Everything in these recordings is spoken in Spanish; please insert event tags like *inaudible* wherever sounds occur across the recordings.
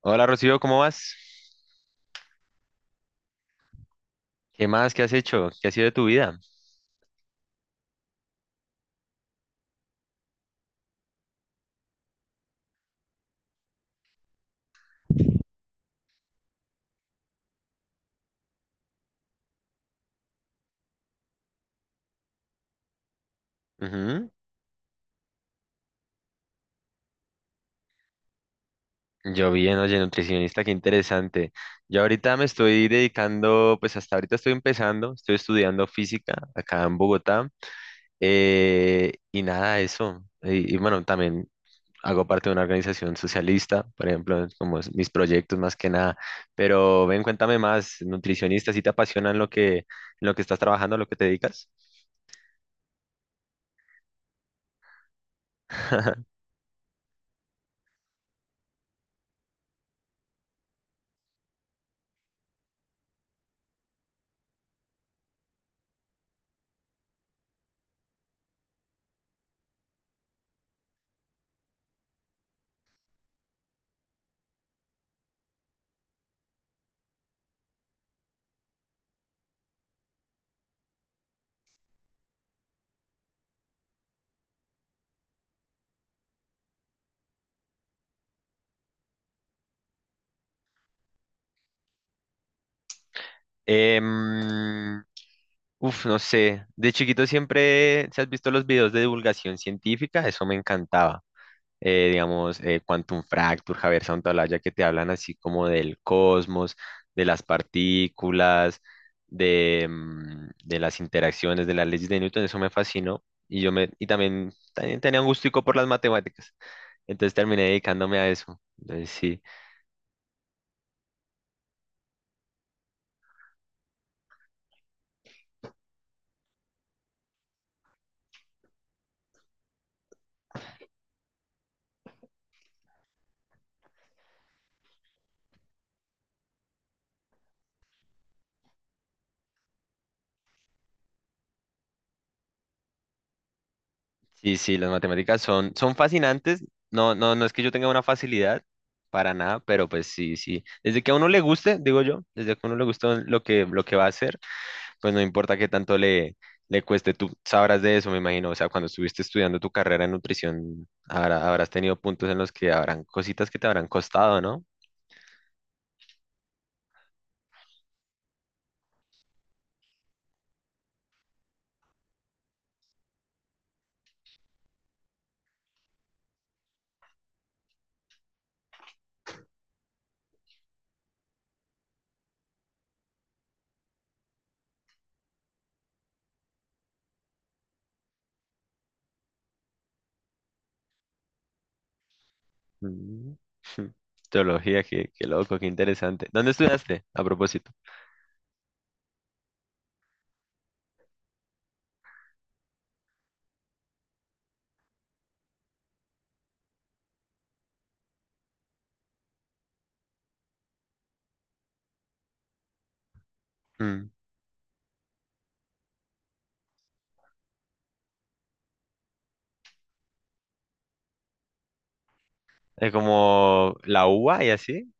Hola Rocío, ¿cómo vas? ¿Qué más? ¿Qué has hecho? ¿Qué ha sido de tu vida? Ujú. Yo bien, oye, nutricionista, qué interesante. Yo ahorita me estoy dedicando, pues hasta ahorita estoy empezando, estoy estudiando física acá en Bogotá. Y nada, eso. Y bueno, también hago parte de una organización socialista, por ejemplo, es como es mis proyectos más que nada. Pero ven, cuéntame más, nutricionista, ¿si te apasionan lo que, en lo que estás trabajando, en lo que te dedicas? *laughs* Em, uf, no sé. De chiquito siempre, si has visto los videos de divulgación científica, eso me encantaba. Digamos, Quantum Fracture, Javier Santaolalla, que te hablan así como del cosmos, de las partículas, de, de las interacciones, de las leyes de Newton, eso me fascinó. Y y también, también tenía un gustico por las matemáticas. Entonces terminé dedicándome a eso. Entonces, sí. Sí, sí, las matemáticas son, son fascinantes. No, no, no es que yo tenga una facilidad para nada, pero pues sí, sí. Desde que a uno le guste, digo yo, desde que a uno le guste lo que va a hacer, pues no importa qué tanto le, le cueste. Tú sabrás de eso, me imagino. O sea, cuando estuviste estudiando tu carrera en nutrición, habrás tenido puntos en los que habrán cositas que te habrán costado, ¿no? Mm. *laughs* Teología, qué, qué loco, qué interesante. ¿Dónde estudiaste, a propósito? Mm. ¿Es como la UBA y así?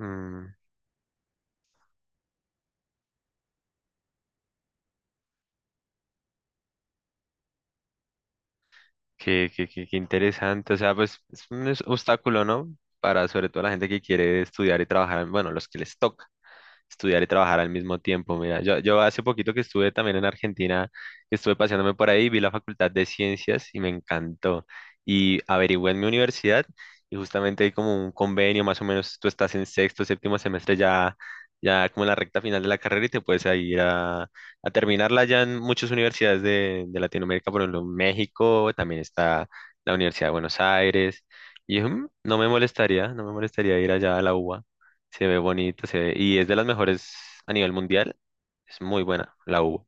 Mm. Qué, qué, qué, qué interesante. O sea, pues es un obstáculo, ¿no? Para sobre todo la gente que quiere estudiar y trabajar, bueno, los que les toca estudiar y trabajar al mismo tiempo. Mira, yo hace poquito que estuve también en Argentina, estuve paseándome por ahí, vi la Facultad de Ciencias y me encantó. Y averigüé en mi universidad y justamente hay como un convenio, más o menos tú estás en sexto, séptimo semestre ya, ya como en la recta final de la carrera y te puedes ahí ir a terminarla ya en muchas universidades de Latinoamérica, por ejemplo, en México, también está la Universidad de Buenos Aires. Y mm, no me molestaría, no me molestaría ir allá a la UBA. Se ve bonito, y es de las mejores a nivel mundial. Es muy buena la UBA.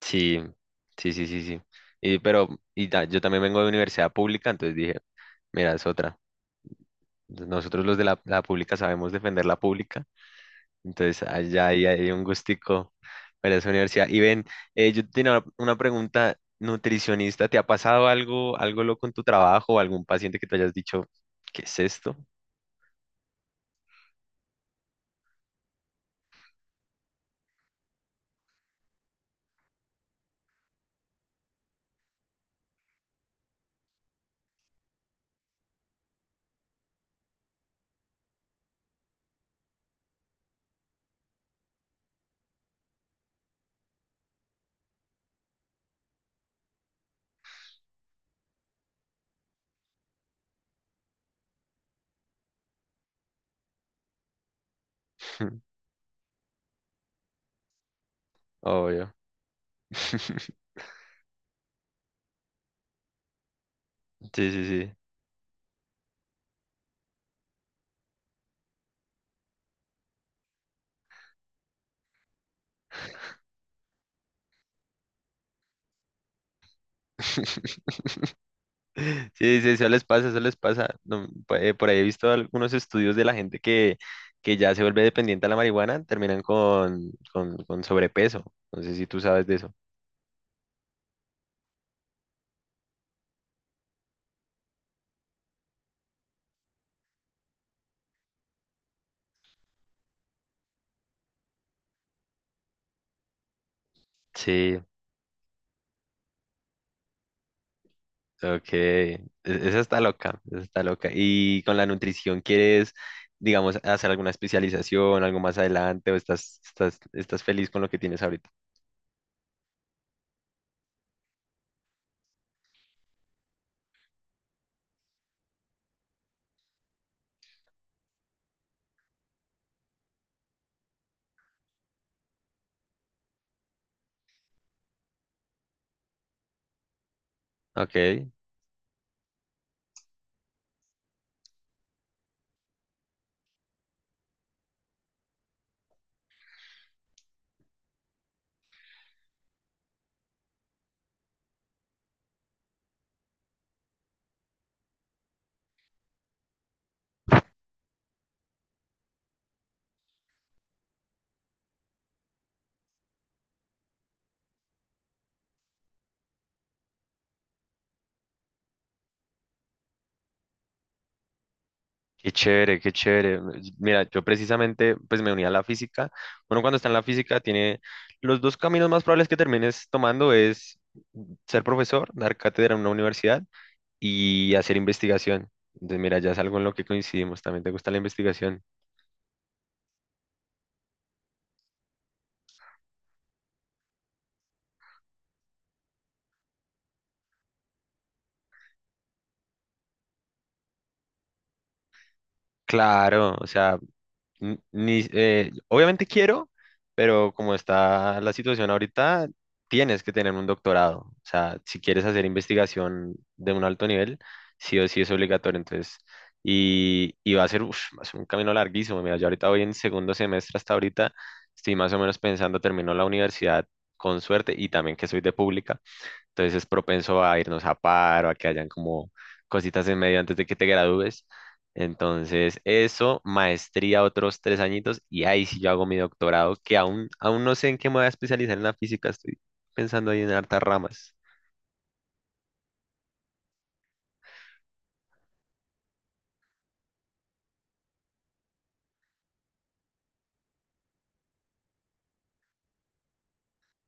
Sí, sí, sí, sí, sí. Y, pero yo también vengo de universidad pública, entonces dije, mira, es otra. Nosotros los de la pública sabemos defender la pública. Entonces, allá hay un gustico para esa universidad. Y ven, yo tenía una pregunta, nutricionista, ¿te ha pasado algo, algo loco en tu trabajo o algún paciente que te hayas dicho, ¿qué es esto? *laughs* Obvio. *laughs* Sí, sí, sí. *laughs* Sí, sí, eso les pasa, eso les pasa. No, pu- por ahí he visto algunos estudios de la gente que ya se vuelve dependiente a la marihuana, terminan con sobrepeso. No sé si tú sabes de eso. Sí, ok, esa está loca, esa está loca. ¿Y con la nutrición quieres, digamos, hacer alguna especialización, algo más adelante, o estás, estás, estás feliz con lo que tienes ahorita? Ok, qué chévere, qué chévere. Mira, yo precisamente, pues me uní a la física. Uno cuando está en la física tiene los dos caminos más probables que termines tomando es ser profesor, dar cátedra en una universidad y hacer investigación. Entonces, mira, ya es algo en lo que coincidimos. También te gusta la investigación. Claro, o sea, N- Ni, obviamente quiero, pero como está la situación ahorita, tienes que tener un doctorado. O sea, si quieres hacer investigación de un alto nivel, sí o sí es obligatorio. Entonces, y va a ser, uf, va a ser un camino larguísimo. Mira, yo ahorita voy en segundo semestre hasta ahorita, estoy más o menos pensando, termino la universidad con suerte y también que soy de pública. Entonces es propenso a irnos a paro, a que hayan como cositas en medio antes de que te gradúes. Entonces, eso, maestría otros tres añitos y ahí sí yo hago mi doctorado, que aún, aún no sé en qué me voy a especializar en la física, estoy pensando ahí en hartas ramas.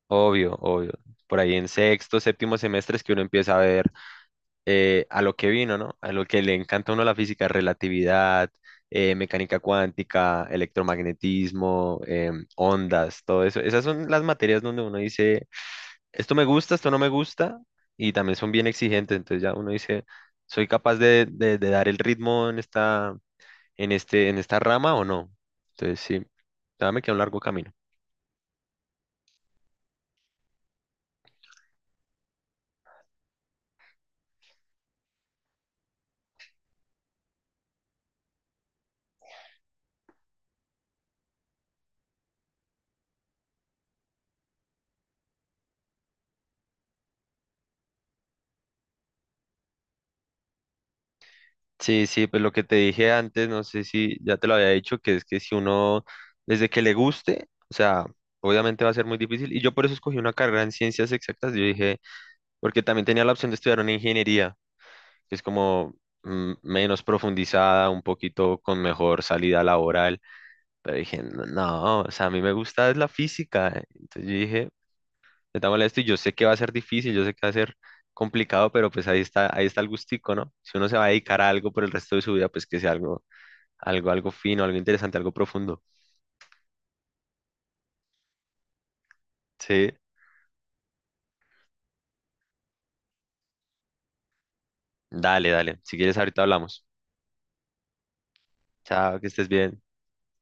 Obvio, obvio. Por ahí en sexto, séptimo semestre es que uno empieza a ver a lo que vino, ¿no? A lo que le encanta a uno la física, relatividad, mecánica cuántica, electromagnetismo, ondas, todo eso. Esas son las materias donde uno dice, esto me gusta, esto no me gusta, y también son bien exigentes. Entonces ya uno dice, ¿soy capaz de dar el ritmo en esta, en esta rama o no? Entonces sí, ya me queda un largo camino. Sí, sí, pues lo que te dije antes, no sé si ya te lo había dicho, que es que si uno, desde que le guste, o sea, obviamente va a ser muy difícil. Y yo por eso escogí una carrera en ciencias exactas, yo dije, porque también tenía la opción de estudiar una ingeniería, que es como menos profundizada, un poquito con mejor salida laboral. Pero dije, no, no, o sea, a mí me gusta es la física. Entonces yo dije, me está molesto y yo sé que va a ser difícil, yo sé que va a ser complicado, pero pues ahí está el gustico, ¿no? Si uno se va a dedicar a algo por el resto de su vida, pues que sea algo, algo fino, algo interesante, algo profundo. Sí, dale, dale. Si quieres, ahorita hablamos. Chao, que estés bien.